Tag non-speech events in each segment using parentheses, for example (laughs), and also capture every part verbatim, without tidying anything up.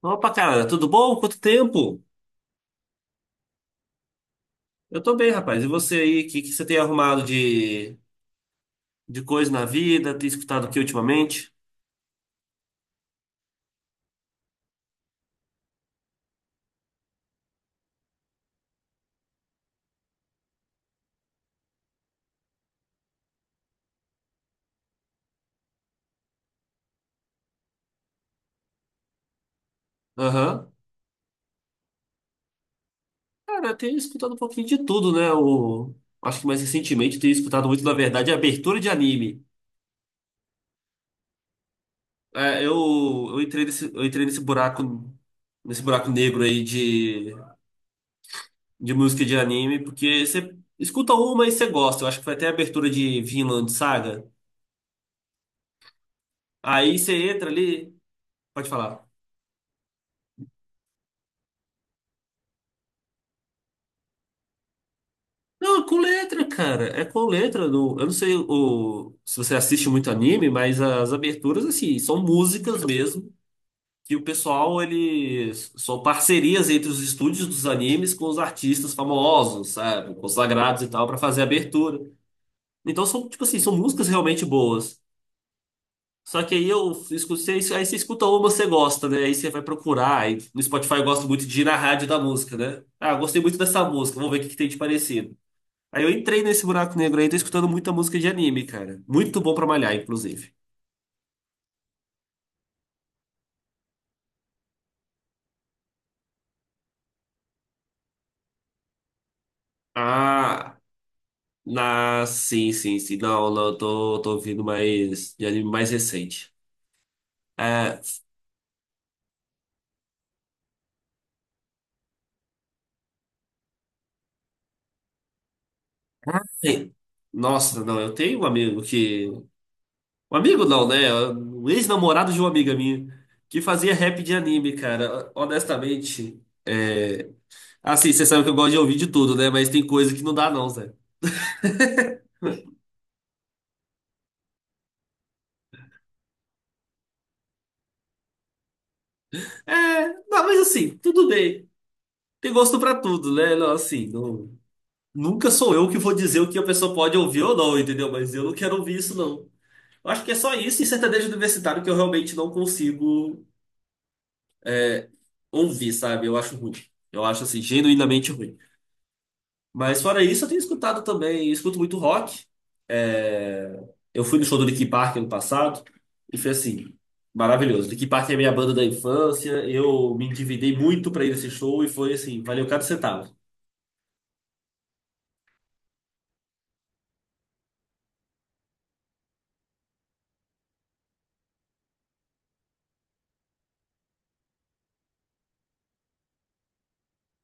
Opa, cara, tudo bom? Quanto tempo? Eu tô bem, rapaz. E você aí? O que, que você tem arrumado de, de coisa na vida? Tem escutado o que ultimamente? Aham. Cara, eu tenho escutado um pouquinho de tudo, né? O, acho que mais recentemente eu tenho escutado muito, na verdade, abertura de anime. É, eu, eu entrei nesse, eu entrei nesse buraco, nesse buraco negro aí de, de música de anime, porque você escuta uma e você gosta. Eu acho que foi até a abertura de Vinland Saga. Aí você entra ali. Pode falar. Não, é com letra, cara. É com letra. Do... Eu não sei o... se você assiste muito anime, mas as aberturas, assim, são músicas mesmo. Que o pessoal, eles. São parcerias entre os estúdios dos animes com os artistas famosos, sabe? Consagrados e tal, pra fazer a abertura. Então, são, tipo assim, são músicas realmente boas. Só que aí eu escutei, isso- aí você escuta uma, você gosta, né? Aí você vai procurar. Aí no Spotify eu gosto muito de ir na rádio da música, né? Ah, gostei muito dessa música, vamos ver o que que tem de parecido. Aí eu entrei nesse buraco negro aí, tô escutando muita música de anime, cara. Muito bom pra malhar, inclusive. Ah, na, sim, sim, sim. Não, não, eu tô, tô ouvindo mais de anime mais recente. É, sim. Nossa, não, eu tenho um amigo que. Um amigo não, né? Um ex-namorado de uma amiga minha que fazia rap de anime, cara. Honestamente. É... Assim, você sabe que eu gosto de ouvir de tudo, né? Mas tem coisa que não dá, não, Zé. É, não, mas assim, tudo bem. Tem gosto pra tudo, né? Não, assim, não. Nunca sou eu que vou dizer o que a pessoa pode ouvir ou não, entendeu? Mas eu não quero ouvir isso, não. Eu acho que é só isso e sertanejo universitário que eu realmente não consigo ouvir, sabe? Eu acho ruim. Eu acho, assim, genuinamente ruim. Mas fora isso, eu tenho escutado também, eu escuto muito rock. É, eu fui no show do Linkin Park ano passado e foi assim, maravilhoso. Linkin Park é a minha banda da infância, eu me endividei muito pra ir nesse show e foi assim, valeu cada centavo.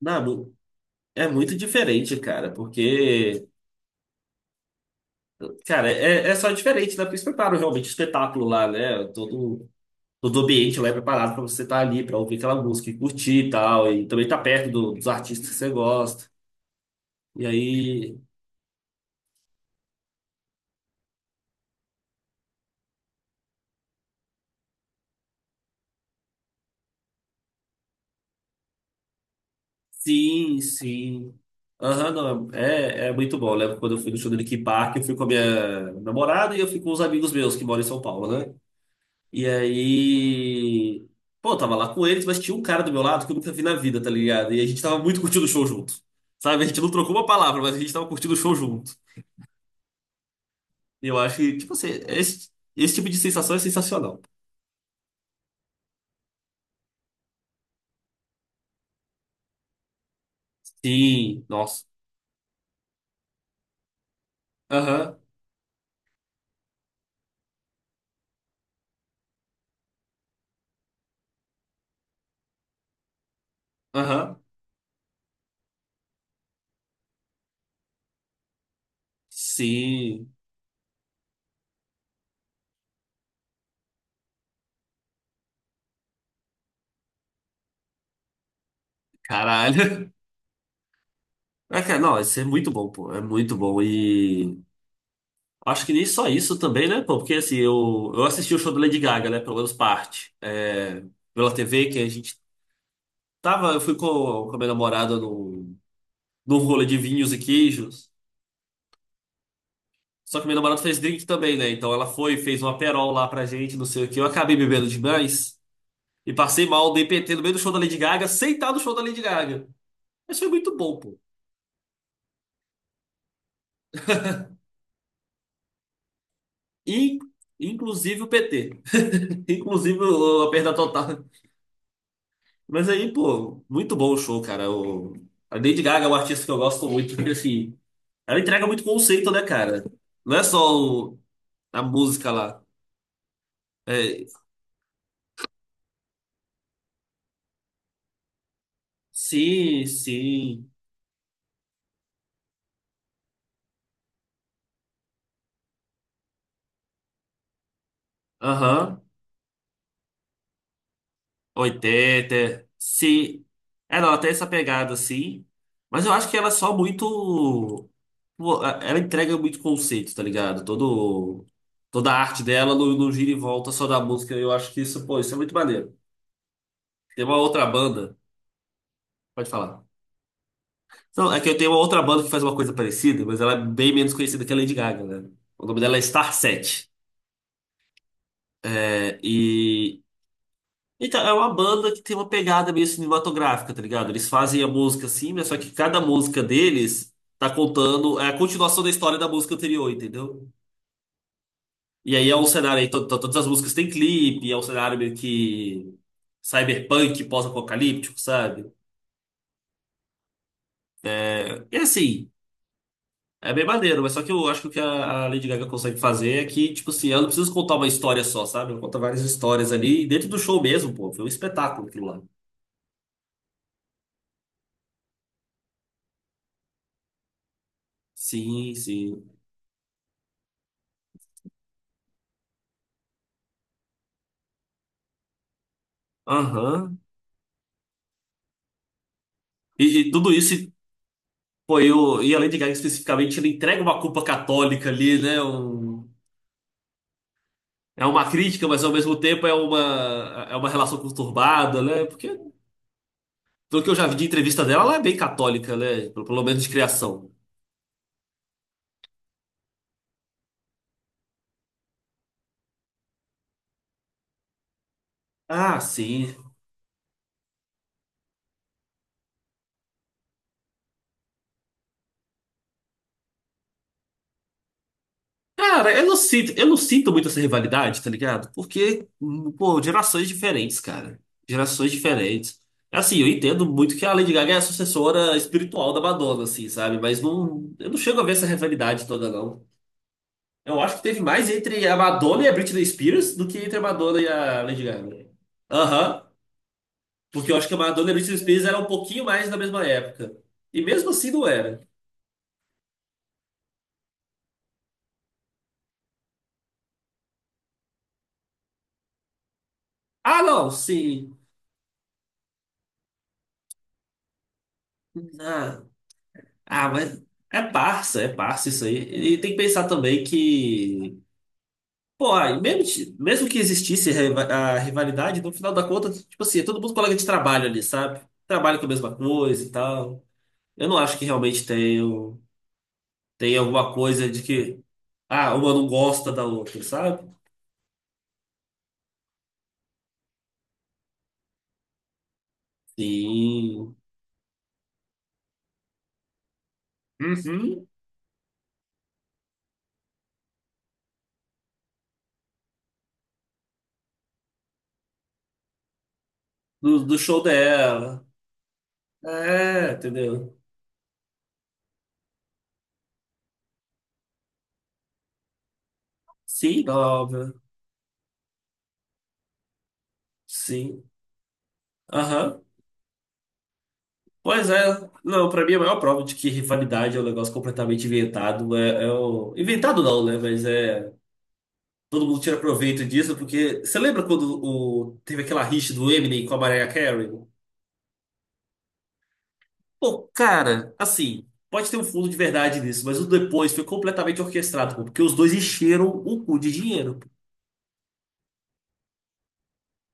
Não, não- é muito diferente, cara, porque cara, é, é só diferente, né? Porque eles preparam realmente o espetáculo lá, né? Todo, todo ambiente lá é preparado pra você estar ali, pra ouvir aquela música e curtir e tal. E também tá perto do- dos artistas que você gosta. E aí, sim, sim. Aham, não, é, é muito bom. Eu lembro quando eu fui no show do Linkin Park, eu fui com a minha namorada e eu fui com os amigos meus que moram em São Paulo, né? E aí. Pô, eu tava lá com eles, mas tinha um cara do meu lado que eu nunca vi na vida, tá ligado? E a gente tava muito curtindo o show junto. Sabe? A gente não trocou uma palavra, mas a gente tava curtindo o show junto. E eu acho que, tipo assim, esse, esse tipo de sensação é sensacional. Sim, nossa. Aham, aham. Sim, caralho. (laughs) É, cara, não, isso é muito bom, pô. É muito bom. E acho que nem só isso também, né, pô? Porque assim, eu, eu assisti o show da Lady Gaga, né? Pelo menos parte. É, pela T V, que a gente tava, eu fui com, com a minha namorada num, num rolê de vinhos e queijos. Só que minha namorada fez drink também, né? Então ela foi, fez uma perol lá pra gente, não sei o quê. Eu acabei bebendo demais e passei mal, dei P T no meio do show da Lady Gaga, sem estar no show da Lady Gaga. Mas foi muito bom, pô. In- inclusive o P T. (laughs) Inclusive o- a perda total. Mas aí, pô, muito bom o show, cara. O, a Lady Gaga é um artista que eu gosto muito, porque assim, ela entrega muito conceito, né, cara? Não é só o- a música lá. É, sim, sim. Aham. Oitenta sim. É, não, até essa pegada, sim. Mas eu acho que ela é só muito. Pô, a- ela entrega muito conceito, tá ligado? Todo... Toda a arte dela não, não gira e volta só da música. Eu acho que isso, pô, isso é muito maneiro. Tem uma outra banda. Pode falar. Não, é que eu tenho uma outra banda que faz uma coisa parecida, mas ela é bem menos conhecida que a Lady Gaga, né? O nome dela é Star Set. É, e então, é uma banda que tem uma pegada meio cinematográfica, tá ligado? Eles fazem a música assim, mas só que cada música deles tá contando é a continuação da história da música anterior, entendeu? E aí é um cenário aí, to- to- todas as músicas têm clipe, é um cenário meio que cyberpunk, pós-apocalíptico, sabe? É, e assim, é bem maneiro, mas só que eu acho que o que a a Lady Gaga consegue fazer é que, tipo assim, ela não precisa contar uma história só, sabe? Ela conta várias histórias ali, e dentro do show mesmo, pô, foi um espetáculo aquilo lá. Sim, sim. Aham. E, e tudo isso foi o. E além de Gaga especificamente, ele entrega uma culpa católica ali, né? Um- é uma crítica, mas ao mesmo tempo é uma, é uma relação conturbada, né? Porque, do que eu já vi de entrevista dela, ela é bem católica, né? Pelo, pelo menos de criação. Ah, sim. Cara, eu não sinto, eu não sinto muito essa rivalidade, tá ligado? Porque, hum, pô, gerações diferentes, cara. Gerações diferentes. Assim, eu entendo muito que a Lady Gaga é a sucessora espiritual da Madonna, assim, sabe? Mas não, eu não chego a ver essa rivalidade toda, não. Eu acho que teve mais entre a Madonna e a Britney Spears do que entre a Madonna e a Lady Gaga. Aham. Porque eu acho que a Madonna e a Britney Spears eram um pouquinho mais da mesma época. E mesmo assim não era. Ah, não, sim. Ah, ah, mas é parça, é parça isso aí. E tem que pensar também que. Pô, aí, mesmo, ti- mesmo que existisse a riva- a rivalidade, no final da conta, tipo assim, é todo mundo colega de trabalho ali, sabe? Trabalha com a mesma coisa e tal. Eu não acho que realmente tenha, tenha alguma coisa de que. Ah, uma não gosta da outra, sabe? Sim. Uhum. Do, do show dela. É, entendeu? Sim, óbvio. Sim. Aham. Pois é. Não, pra mim a maior prova de que rivalidade é um negócio completamente inventado. É, é o... Inventado não, né? Mas é. Todo mundo tira proveito disso, porque. Você lembra quando o... teve aquela rixa do Eminem com a Mariah Carey? Pô, cara, assim, pode ter um fundo de verdade nisso, mas o depois foi completamente orquestrado, pô, porque os dois encheram o cu de dinheiro. Pô.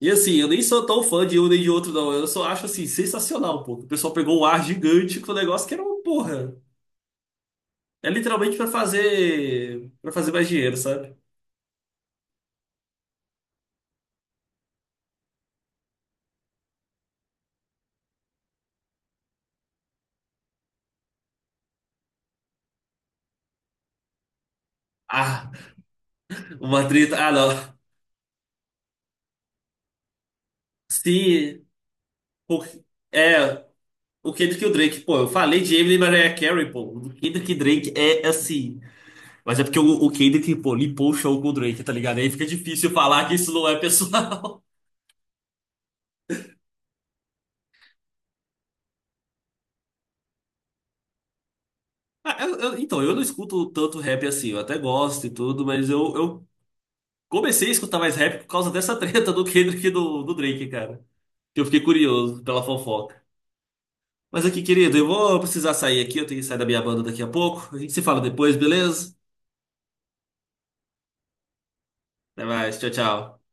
E assim, eu nem sou tão fã de um nem de outro, não. Eu só acho assim, sensacional, pô. Que o pessoal pegou um ar gigante com o negócio que era uma porra. É literalmente pra fazer, para fazer mais dinheiro, sabe? Ah, uma treta. Ah, não. Se. Pô, é, o Kendrick e o Drake, pô, eu falei de Eminem e Mariah Carey, pô. O Kendrick e Drake é assim. Mas é porque o, o Kendrick, pô, limpou o show com o Drake, tá ligado? Aí fica difícil falar que isso não é pessoal. (laughs) Ah, eu- eu- então, eu não escuto tanto rap assim, eu até gosto e tudo, mas eu, eu comecei a escutar mais rap por causa dessa (laughs) treta do Kendrick e do, do Drake, cara. Que eu fiquei curioso pela fofoca. Mas aqui, querido, eu vou precisar sair aqui, eu tenho que sair da minha banda daqui a pouco. A gente se fala depois, beleza? Até mais, tchau, tchau.